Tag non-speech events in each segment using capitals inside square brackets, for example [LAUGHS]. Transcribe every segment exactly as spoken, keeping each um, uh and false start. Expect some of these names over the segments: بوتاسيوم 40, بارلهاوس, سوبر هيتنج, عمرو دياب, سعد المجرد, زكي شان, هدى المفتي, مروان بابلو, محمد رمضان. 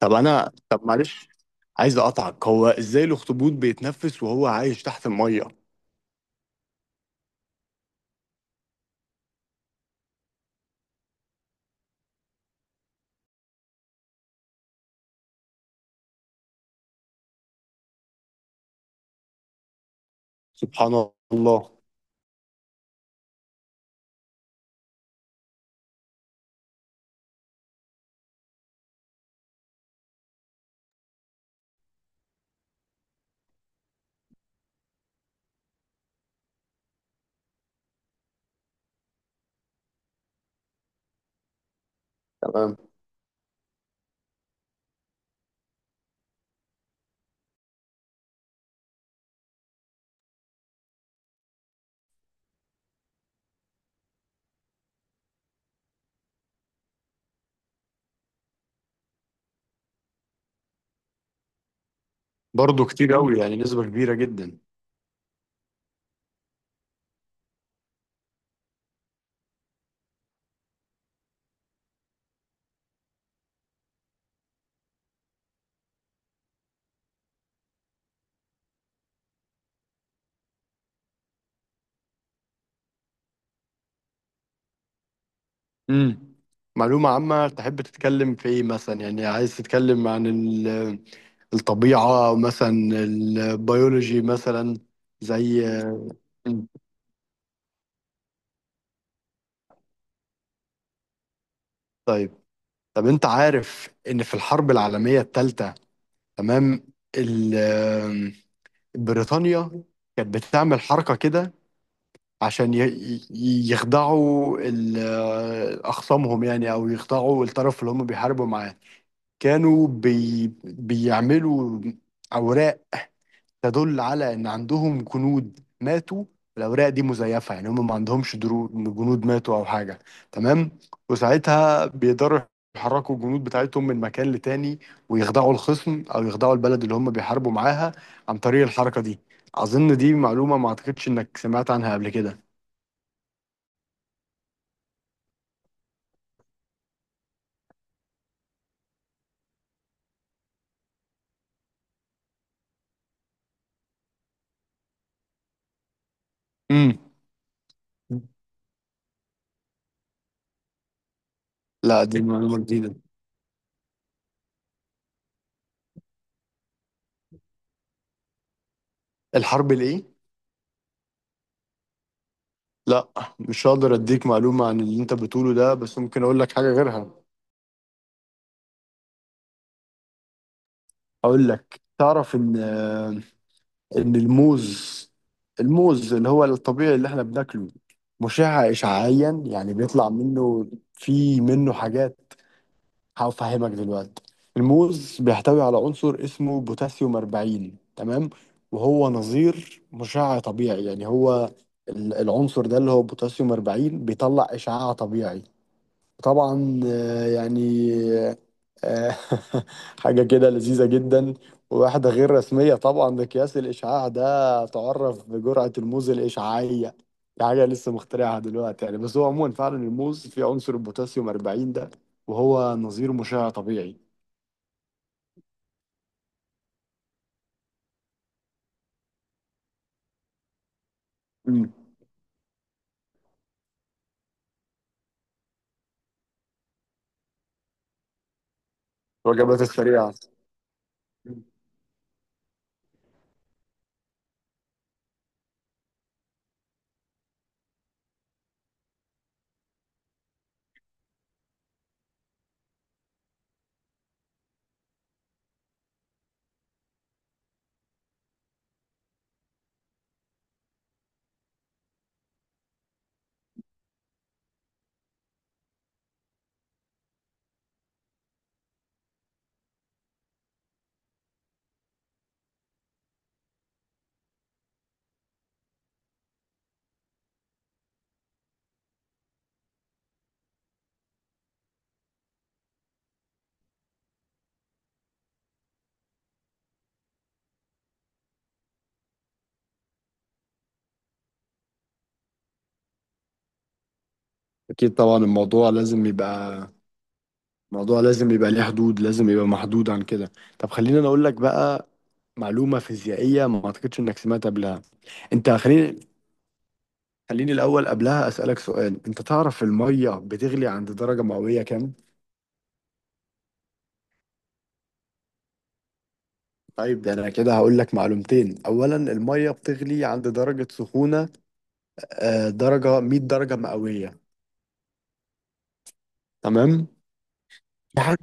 طب انا طب معلش عايز اقطعك، هو ازاي الاخطبوط بيتنفس وهو عايش تحت الميه؟ سبحان الله. تمام، برضه كتير قوي، يعني نسبة كبيرة جدا. امم معلومة عامة تحب تتكلم في ايه مثلا؟ يعني عايز تتكلم عن ال- الطبيعة مثلا، البيولوجي مثلا، زي. مم. طيب، طب انت عارف ان في الحرب العالمية الثالثة، تمام، ال- بريطانيا كانت بتعمل حركة كده عشان ي- ي- يخدعوا ال- أخصامهم، يعني، أو يخدعوا الطرف اللي هم بيحاربوا معاه. كانوا بي بيعملوا أوراق تدل على إن عندهم جنود ماتوا. الأوراق دي مزيفة، يعني هم ما عندهمش درو- جنود ماتوا أو حاجة. تمام، وساعتها بيقدروا يحركوا الجنود بتاعتهم من مكان لتاني، ويخدعوا الخصم أو يخدعوا البلد اللي هم بيحاربوا معاها عن طريق الحركة دي. أظن دي معلومة ما أعتقدش إنك سمعت عنها قبل كده. امم لا، دي معلومة جديدة. الحرب الإيه؟ لا، مش هقدر أديك معلومة عن اللي أنت بتقوله ده، بس ممكن أقول لك حاجة غيرها. أقول لك، تعرف إن إن الموز، الموز اللي هو الطبيعي اللي إحنا بناكله، مشع إشعاعيا، يعني بيطلع منه، في منه حاجات، هفهمك دلوقتي. الموز بيحتوي على عنصر اسمه بوتاسيوم أربعين، تمام، وهو نظير مشع طبيعي. يعني هو ال- العنصر ده اللي هو بوتاسيوم أربعين بيطلع إشعاع طبيعي. طبعا آه، يعني آه، [LAUGHS] حاجة كده لذيذة جدا، وواحدة غير رسمية طبعا. مقياس الإشعاع ده تعرف بجرعة الموز الإشعاعية. دي حاجة لسه مخترعها دلوقتي يعني، بس هو عموما فعلا الموز فيه عنصر البوتاسيوم أربعين ده، وهو نظير مشع طبيعي. مم. الوجبات السريعة. مم. أكيد طبعا، الموضوع لازم يبقى، الموضوع لازم يبقى ليه حدود، لازم يبقى محدود عن كده. طب خليني أنا أقول لك بقى معلومة فيزيائية ما أعتقدش إنك سمعت قبلها. أنت خليني، خليني الأول قبلها أسألك سؤال، أنت تعرف المية بتغلي عند درجة مئوية كام؟ طيب، ده أنا كده هقول لك معلومتين. أولا، المية بتغلي عند درجة سخونة آه، درجة مية درجة مئوية، تمام؟ في حاجة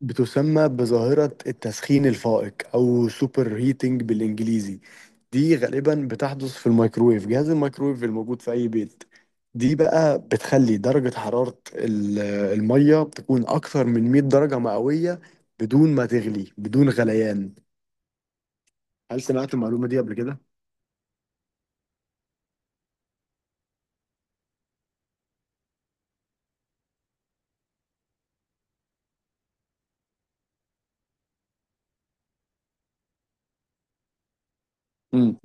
بتسمى بظاهرة التسخين الفائق أو سوبر هيتنج بالإنجليزي. دي غالبا بتحدث في الميكرويف، جهاز الميكرويف الموجود في أي بيت. دي بقى بتخلي درجة حرارة ال- المية تكون أكثر من مية درجة مئوية بدون ما تغلي، بدون غليان. هل سمعت المعلومة دي قبل كده؟ امم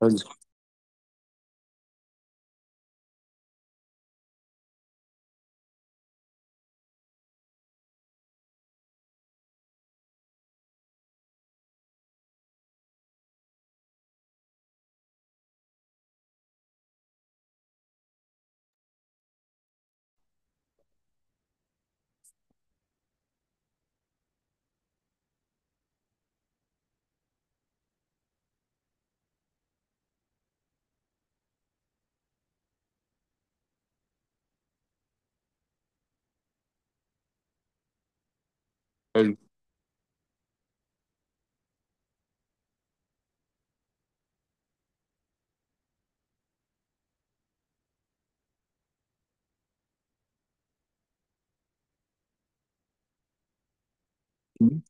حلو. حلو. مم.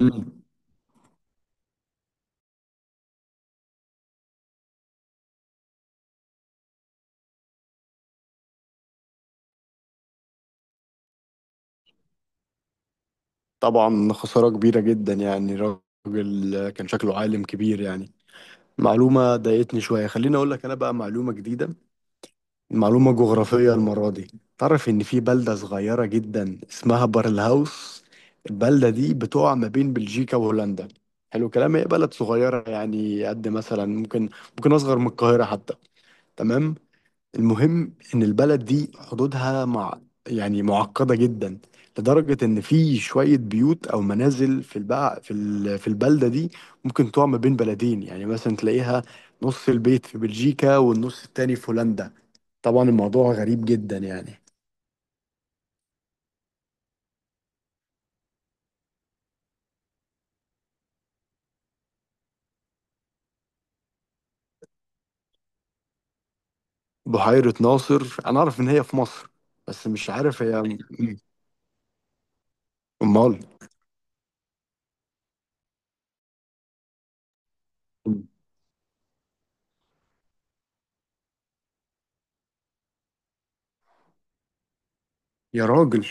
مم. طبعا خسارة كبيرة جدا، يعني راجل كان شكله عالم كبير يعني. معلومة ضايقتني شوية، خليني أقول لك أنا بقى معلومة جديدة، معلومة جغرافية المرة دي. تعرف إن في بلدة صغيرة جدا اسمها بارلهاوس، البلدة دي بتقع ما بين بلجيكا وهولندا. حلو الكلام، هي بلد صغيرة يعني، قد مثلا ممكن، ممكن أصغر من القاهرة حتى، تمام. المهم ان البلد دي حدودها مع، يعني معقده جدا، لدرجه ان في شويه بيوت او منازل في البقى في ال- في البلده دي ممكن تقع ما بين بلدين. يعني مثلا تلاقيها نص البيت في بلجيكا والنص التاني في هولندا. طبعا الموضوع غريب جدا يعني. بحيره ناصر انا اعرف ان هي في مصر، بس مش عارف هي م- امال. يا راجل.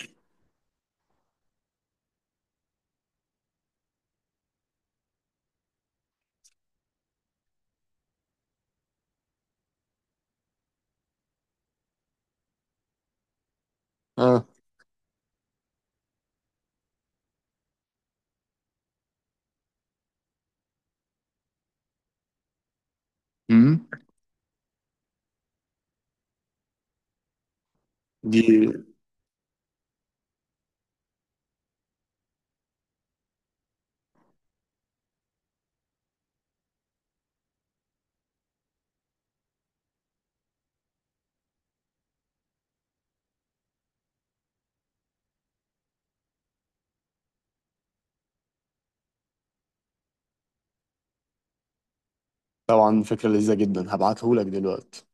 اه. امم دي طبعا فكرة لذيذة جدا، هبعتهولك دلوقتي.